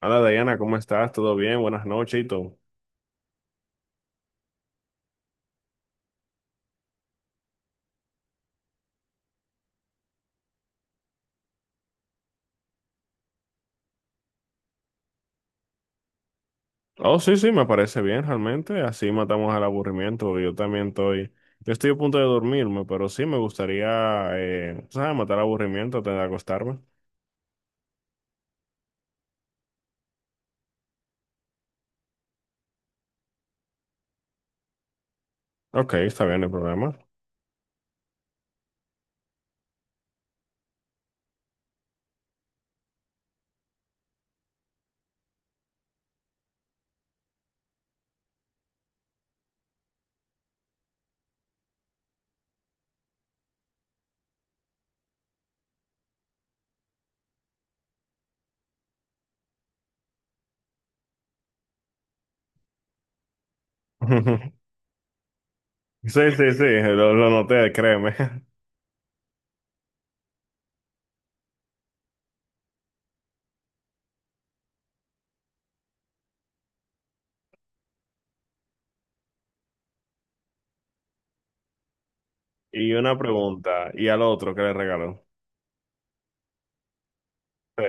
Hola Diana, ¿cómo estás? ¿Todo bien? Buenas noches y todo. Oh, sí, sí, me parece bien realmente. Así matamos al aburrimiento, porque yo también estoy, yo estoy a punto de dormirme, pero sí me gustaría, ¿sabes? Matar aburrimiento antes de acostarme. Ok, está bien, no hay problema. Sí, sí, sí, lo noté, créeme. Y una pregunta, ¿y al otro qué le regaló? Sí.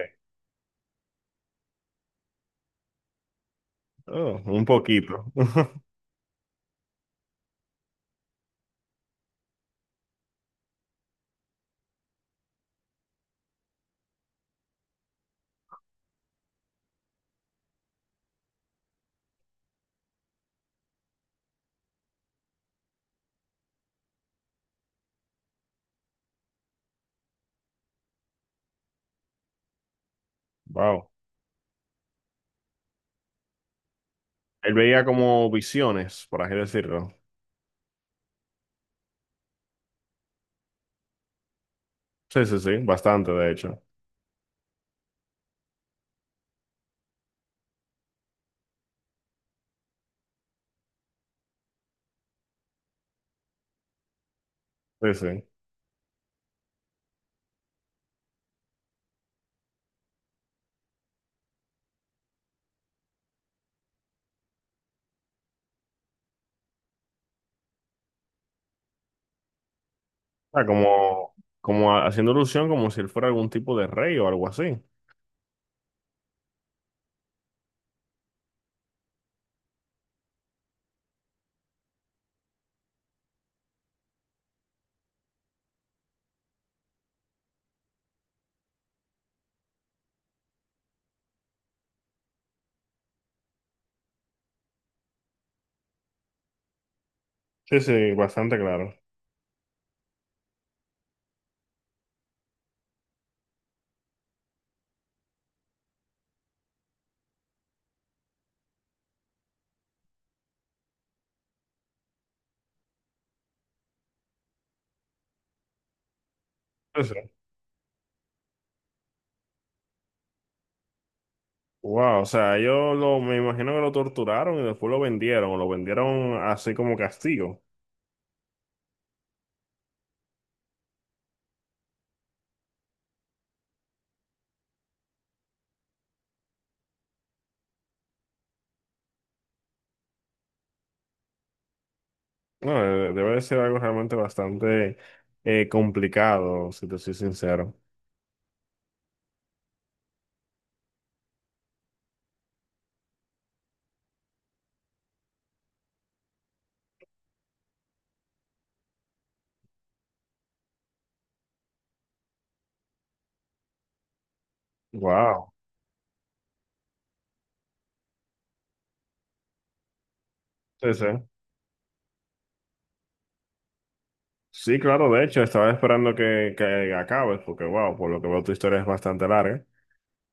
Oh, un poquito. Wow. Él veía como visiones, por así decirlo. Sí, sí, sí, bastante de hecho. Sí, sí. Sea, como, como haciendo ilusión como si él fuera algún tipo de rey o algo así. Sí, sí, bastante claro. Sí, sí. Wow, o sea, me imagino que lo torturaron y después lo vendieron, o lo vendieron así como castigo. No, debe de ser algo realmente bastante complicado, si te soy sincero. Wow, sí, sí. Sí, claro, de hecho, estaba esperando que acabes, porque wow, por lo que veo tu historia es bastante larga.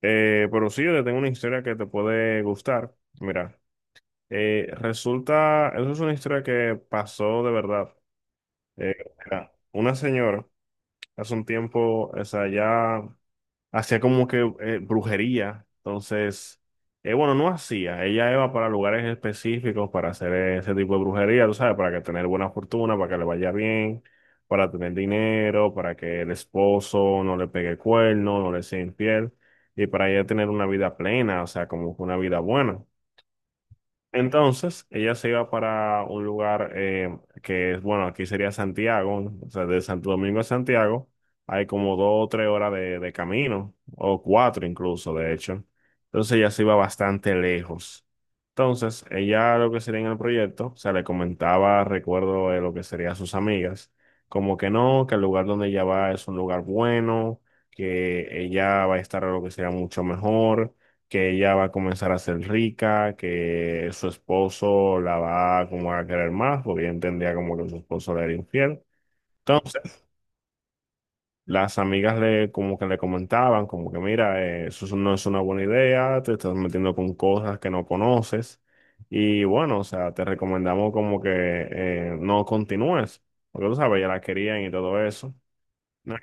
Pero sí, yo te tengo una historia que te puede gustar. Mira. Resulta, eso es una historia que pasó de verdad. Eh, Era una señora hace un tiempo, o sea, ya hacía como que brujería. Entonces, bueno, no hacía. Ella iba para lugares específicos para hacer ese tipo de brujería, tú sabes, para que tener buena fortuna, para que le vaya bien, para tener dinero, para que el esposo no le pegue cuerno, no le sea infiel y para ella tener una vida plena, o sea, como que una vida buena. Entonces, ella se iba para un lugar que es, bueno, aquí sería Santiago, o sea, de Santo Domingo a Santiago, hay como dos o tres horas de camino, o cuatro incluso, de hecho. Entonces, ella se iba bastante lejos. Entonces, ella lo que sería en el proyecto, o sea, le comentaba, recuerdo de lo que sería a sus amigas, como que no, que el lugar donde ella va es un lugar bueno, que ella va a estar lo que sería mucho mejor, que ella va a comenzar a ser rica, que su esposo la va como a querer más, porque ella entendía como que su esposo le era infiel. Entonces, las amigas le comentaban, como que mira, eso no es una buena idea, te estás metiendo con cosas que no conoces. Y bueno, o sea, te recomendamos como que no continúes, porque tú sabes, ya la querían y todo eso. Nah.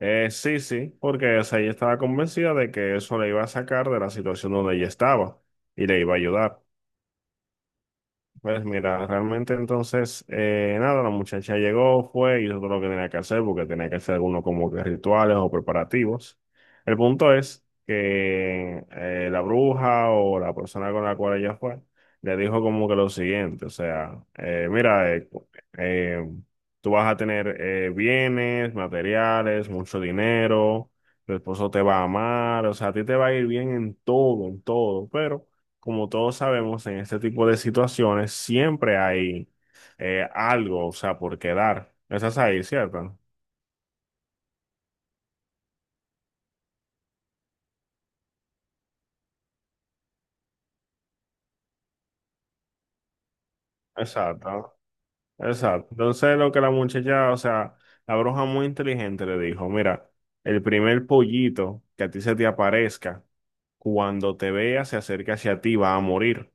Sí, sí, porque o sea, ella estaba convencida de que eso le iba a sacar de la situación donde ella estaba y le iba a ayudar. Pues mira, realmente entonces, nada, la muchacha llegó, fue, hizo todo lo que tenía que hacer, porque tenía que hacer algunos como que rituales o preparativos. El punto es que la bruja o la persona con la cual ella fue, le dijo como que lo siguiente, o sea, mira, eh, tú vas a tener bienes, materiales, mucho dinero, tu esposo te va a amar, o sea, a ti te va a ir bien en todo, pero... Como todos sabemos, en este tipo de situaciones siempre hay algo, o sea, por quedar. Esa es ahí, ¿cierto? Exacto, exacto. Entonces lo que la muchacha, o sea, la bruja muy inteligente le dijo, mira, el primer pollito que a ti se te aparezca, cuando te vea, se acerca hacia ti, va a morir.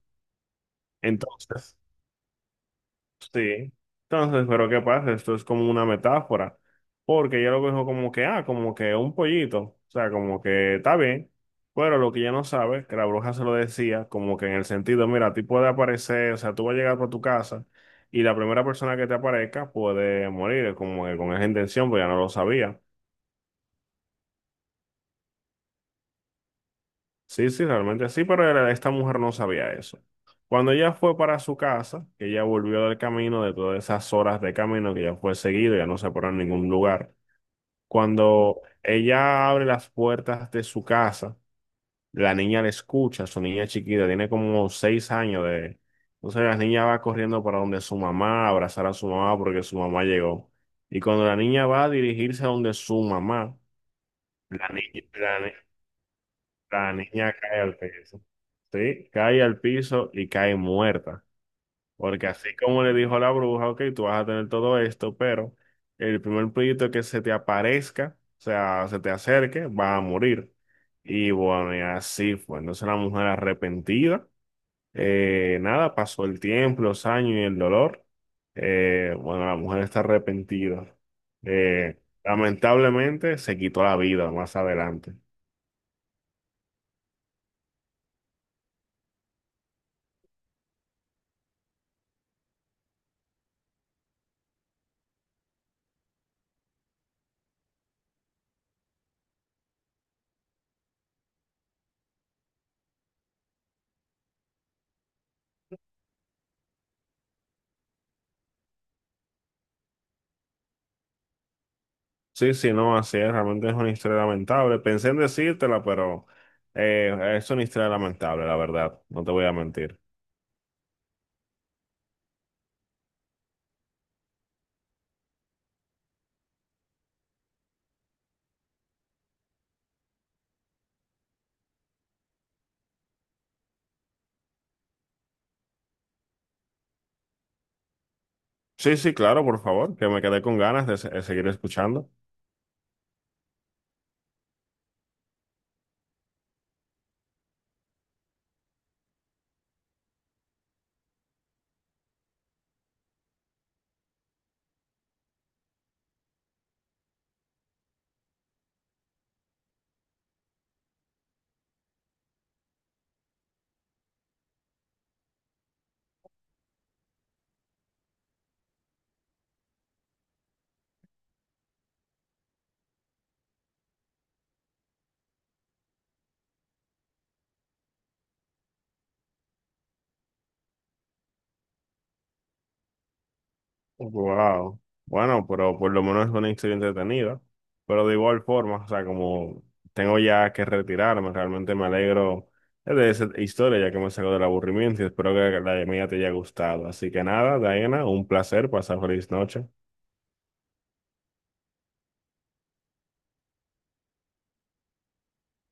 Entonces, sí, entonces, pero ¿qué pasa? Esto es como una metáfora, porque ella lo dijo como que, ah, como que un pollito, o sea, como que está bien, pero lo que ella no sabe, que la bruja se lo decía, como que en el sentido, mira, a ti puede aparecer, o sea, tú vas a llegar por tu casa y la primera persona que te aparezca puede morir, como que con esa intención, pues ya no lo sabía. Sí, sí, realmente sí, pero esta mujer no sabía eso. Cuando ella fue para su casa, que ella volvió del camino, de todas esas horas de camino que ella fue seguido, ya no se paró en ningún lugar. Cuando ella abre las puertas de su casa, la niña le escucha, su niña chiquita, tiene como 6 años de... Entonces la niña va corriendo para donde su mamá, a abrazar a su mamá porque su mamá llegó. Y cuando la niña va a dirigirse a donde su mamá, la niña, la, ni- la niña cae al piso. Sí, cae al piso y cae muerta. Porque así como le dijo la bruja, ok, tú vas a tener todo esto, pero el primer proyecto que se te aparezca, o sea, se te acerque, va a morir. Y bueno, y así fue. Entonces la mujer arrepentida, nada, pasó el tiempo, los años y el dolor. Bueno, la mujer está arrepentida. Eh, Lamentablemente se quitó la vida más adelante. Sí, sí, no, así es, realmente es una historia lamentable. Pensé en decírtela, pero es una historia lamentable, la verdad, no te voy a mentir. Sí, sí, claro, por favor, que me quedé con ganas de seguir escuchando. Wow. Bueno, pero por lo menos es una historia entretenida. Pero de igual forma, o sea, como tengo ya que retirarme, realmente me alegro de esa historia, ya que me sacó del aburrimiento y espero que la mía te haya gustado. Así que nada, Diana, un placer, pasar feliz noche.